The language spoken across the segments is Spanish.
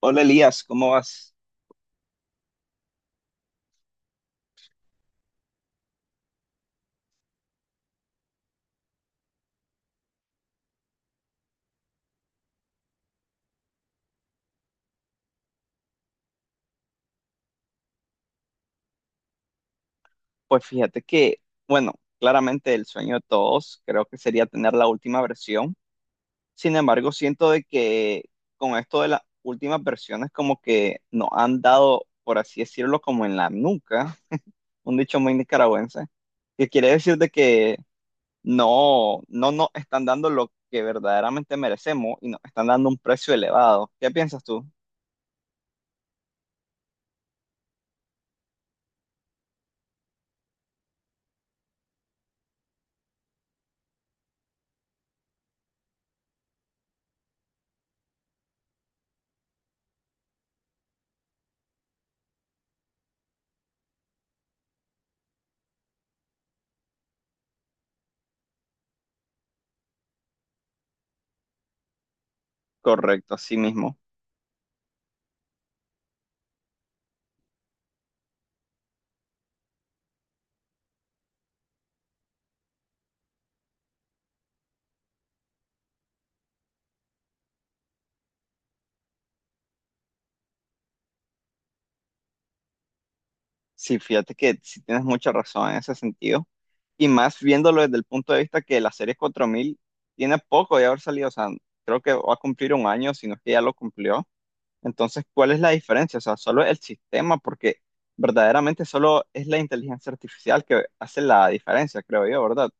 Hola Elías, ¿cómo vas? Pues fíjate que, bueno, claramente el sueño de todos creo que sería tener la última versión. Sin embargo, siento de que con esto de las últimas versiones como que nos han dado, por así decirlo, como en la nuca, un dicho muy nicaragüense, que quiere decir de que no, no nos están dando lo que verdaderamente merecemos y nos están dando un precio elevado. ¿Qué piensas tú? Correcto, así mismo. Sí, fíjate que sí tienes mucha razón en ese sentido. Y más viéndolo desde el punto de vista que la serie 4000 tiene poco de haber salido. O sea, creo que va a cumplir un año, si no es que ya lo cumplió. Entonces, ¿cuál es la diferencia? O sea, solo el sistema, porque verdaderamente solo es la inteligencia artificial que hace la diferencia, creo yo, ¿verdad?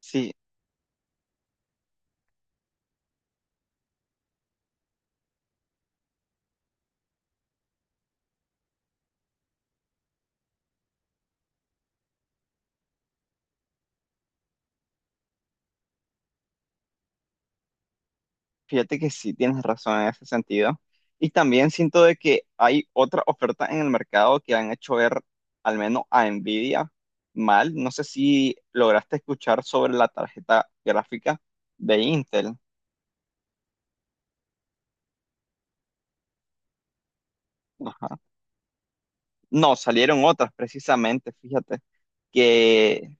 Sí, fíjate que sí tienes razón en ese sentido. Y también siento de que hay otras ofertas en el mercado que han hecho ver al menos a Nvidia mal. No sé si lograste escuchar sobre la tarjeta gráfica de Intel. Ajá. No, salieron otras precisamente, fíjate, que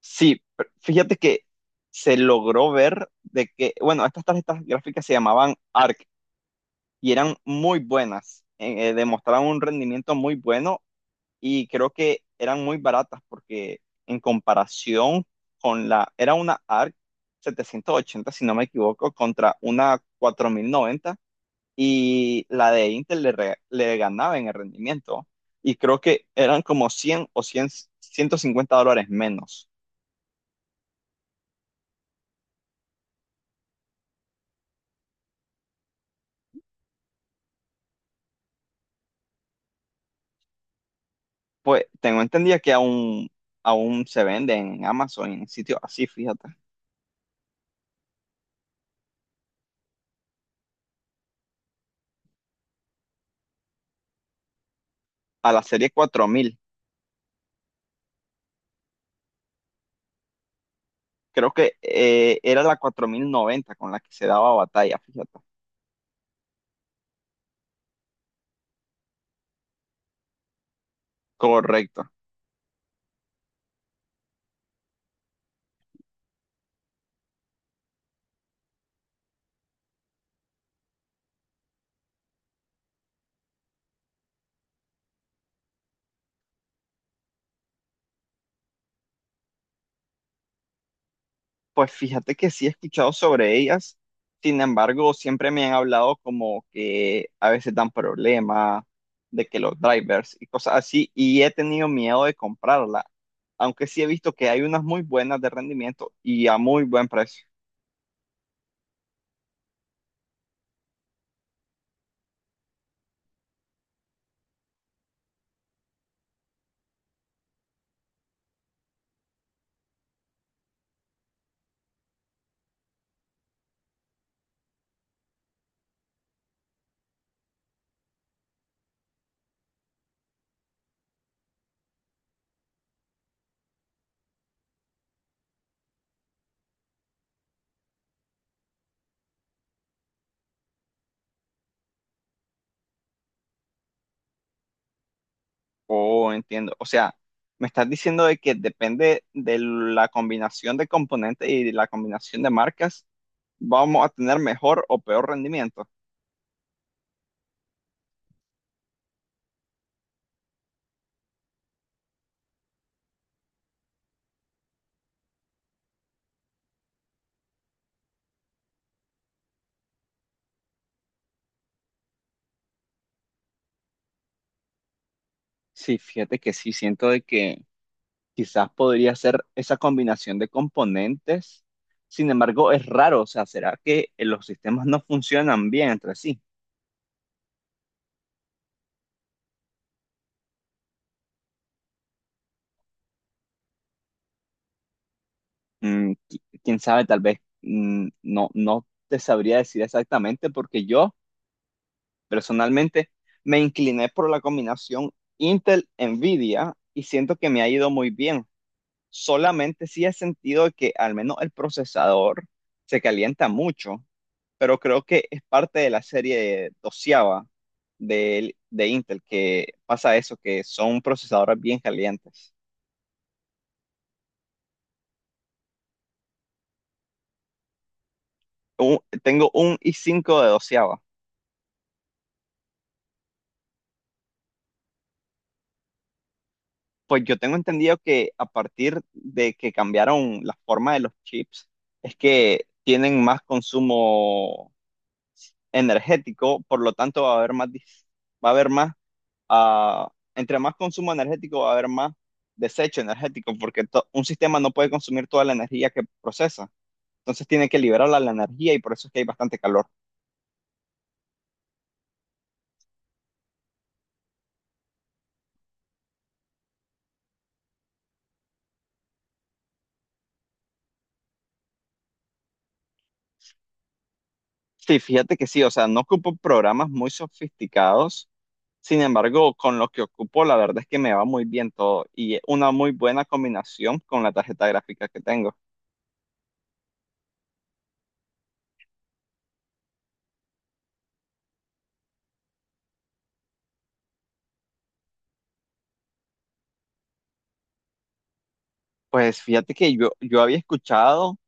sí. Fíjate que se logró ver de que, bueno, estas tarjetas gráficas se llamaban ARC y eran muy buenas. Demostraban un rendimiento muy bueno, y creo que eran muy baratas porque en comparación con la, era una ARC 780, si no me equivoco, contra una 4090, y la de Intel le ganaba en el rendimiento. Y creo que eran como 100 o 150 dólares menos. Pues tengo entendido que aún se vende en Amazon, en sitios así, fíjate. A la serie 4000. Creo que era la 4090 con la que se daba batalla, fíjate. Correcto. Pues fíjate que sí he escuchado sobre ellas, sin embargo, siempre me han hablado como que a veces dan problemas, de que los drivers y cosas así, y he tenido miedo de comprarla, aunque sí he visto que hay unas muy buenas de rendimiento y a muy buen precio. Oh, entiendo. O sea, me estás diciendo de que depende de la combinación de componentes y de la combinación de marcas, vamos a tener mejor o peor rendimiento. Sí, fíjate que sí, siento de que quizás podría ser esa combinación de componentes. Sin embargo, es raro, o sea, ¿será que los sistemas no funcionan bien entre sí? Quién sabe, tal vez no, no te sabría decir exactamente porque yo personalmente me incliné por la combinación Intel-NVIDIA y siento que me ha ido muy bien. Solamente sí he sentido que al menos el procesador se calienta mucho, pero creo que es parte de la serie doceava de Intel, que pasa eso, que son procesadores bien calientes. Tengo un i5 de doceava. Pues yo tengo entendido que a partir de que cambiaron la forma de los chips, es que tienen más consumo energético, por lo tanto va a haber más, entre más consumo energético va a haber más desecho energético, porque un sistema no puede consumir toda la energía que procesa. Entonces tiene que liberarla la energía, y por eso es que hay bastante calor. Sí, fíjate que sí, o sea, no ocupo programas muy sofisticados. Sin embargo, con lo que ocupo, la verdad es que me va muy bien todo y es una muy buena combinación con la tarjeta gráfica que tengo. Pues fíjate que yo, yo había escuchado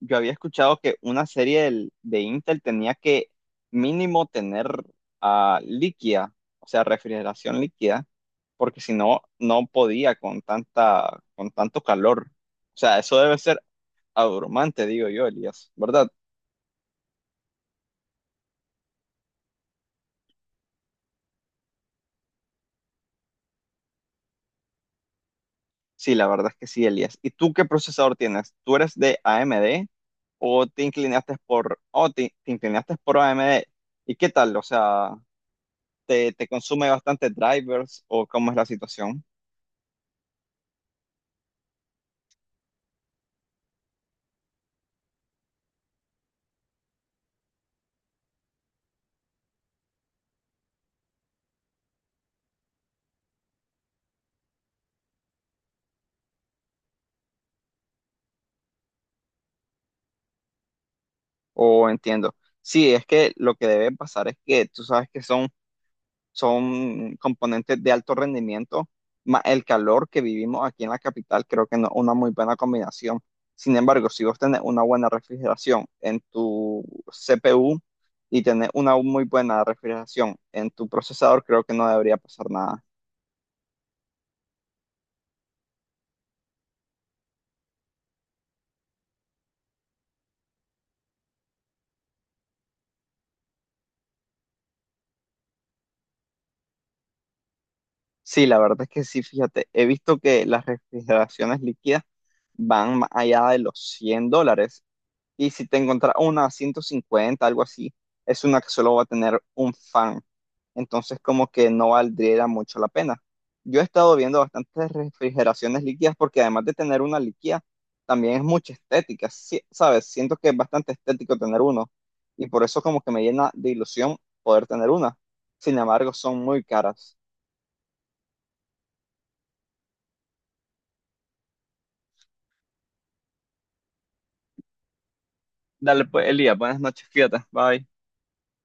yo había escuchado que una serie de Intel tenía que mínimo tener líquida, o sea, refrigeración líquida, porque si no, no podía con tanta, con tanto calor. O sea, eso debe ser abrumante, digo yo, Elías, ¿verdad? Sí, la verdad es que sí, Elías. ¿Y tú qué procesador tienes? ¿Tú eres de AMD, o te inclinaste por, o te inclinaste por AMD? ¿Y qué tal? O sea, ¿te consume bastante drivers o cómo es la situación? O entiendo. Sí, es que lo que debe pasar es que tú sabes que son componentes de alto rendimiento, más el calor que vivimos aquí en la capital, creo que no es una muy buena combinación. Sin embargo, si vos tenés una buena refrigeración en tu CPU y tenés una muy buena refrigeración en tu procesador, creo que no debería pasar nada. Sí, la verdad es que sí, fíjate, he visto que las refrigeraciones líquidas van más allá de los 100 dólares. Y si te encontrás una a 150, algo así, es una que solo va a tener un fan. Entonces, como que no valdría mucho la pena. Yo he estado viendo bastantes refrigeraciones líquidas porque además de tener una líquida, también es mucha estética, sí, ¿sabes? Siento que es bastante estético tener uno y por eso como que me llena de ilusión poder tener una. Sin embargo, son muy caras. Dale pues, Elías, buenas noches, fíjate, bye.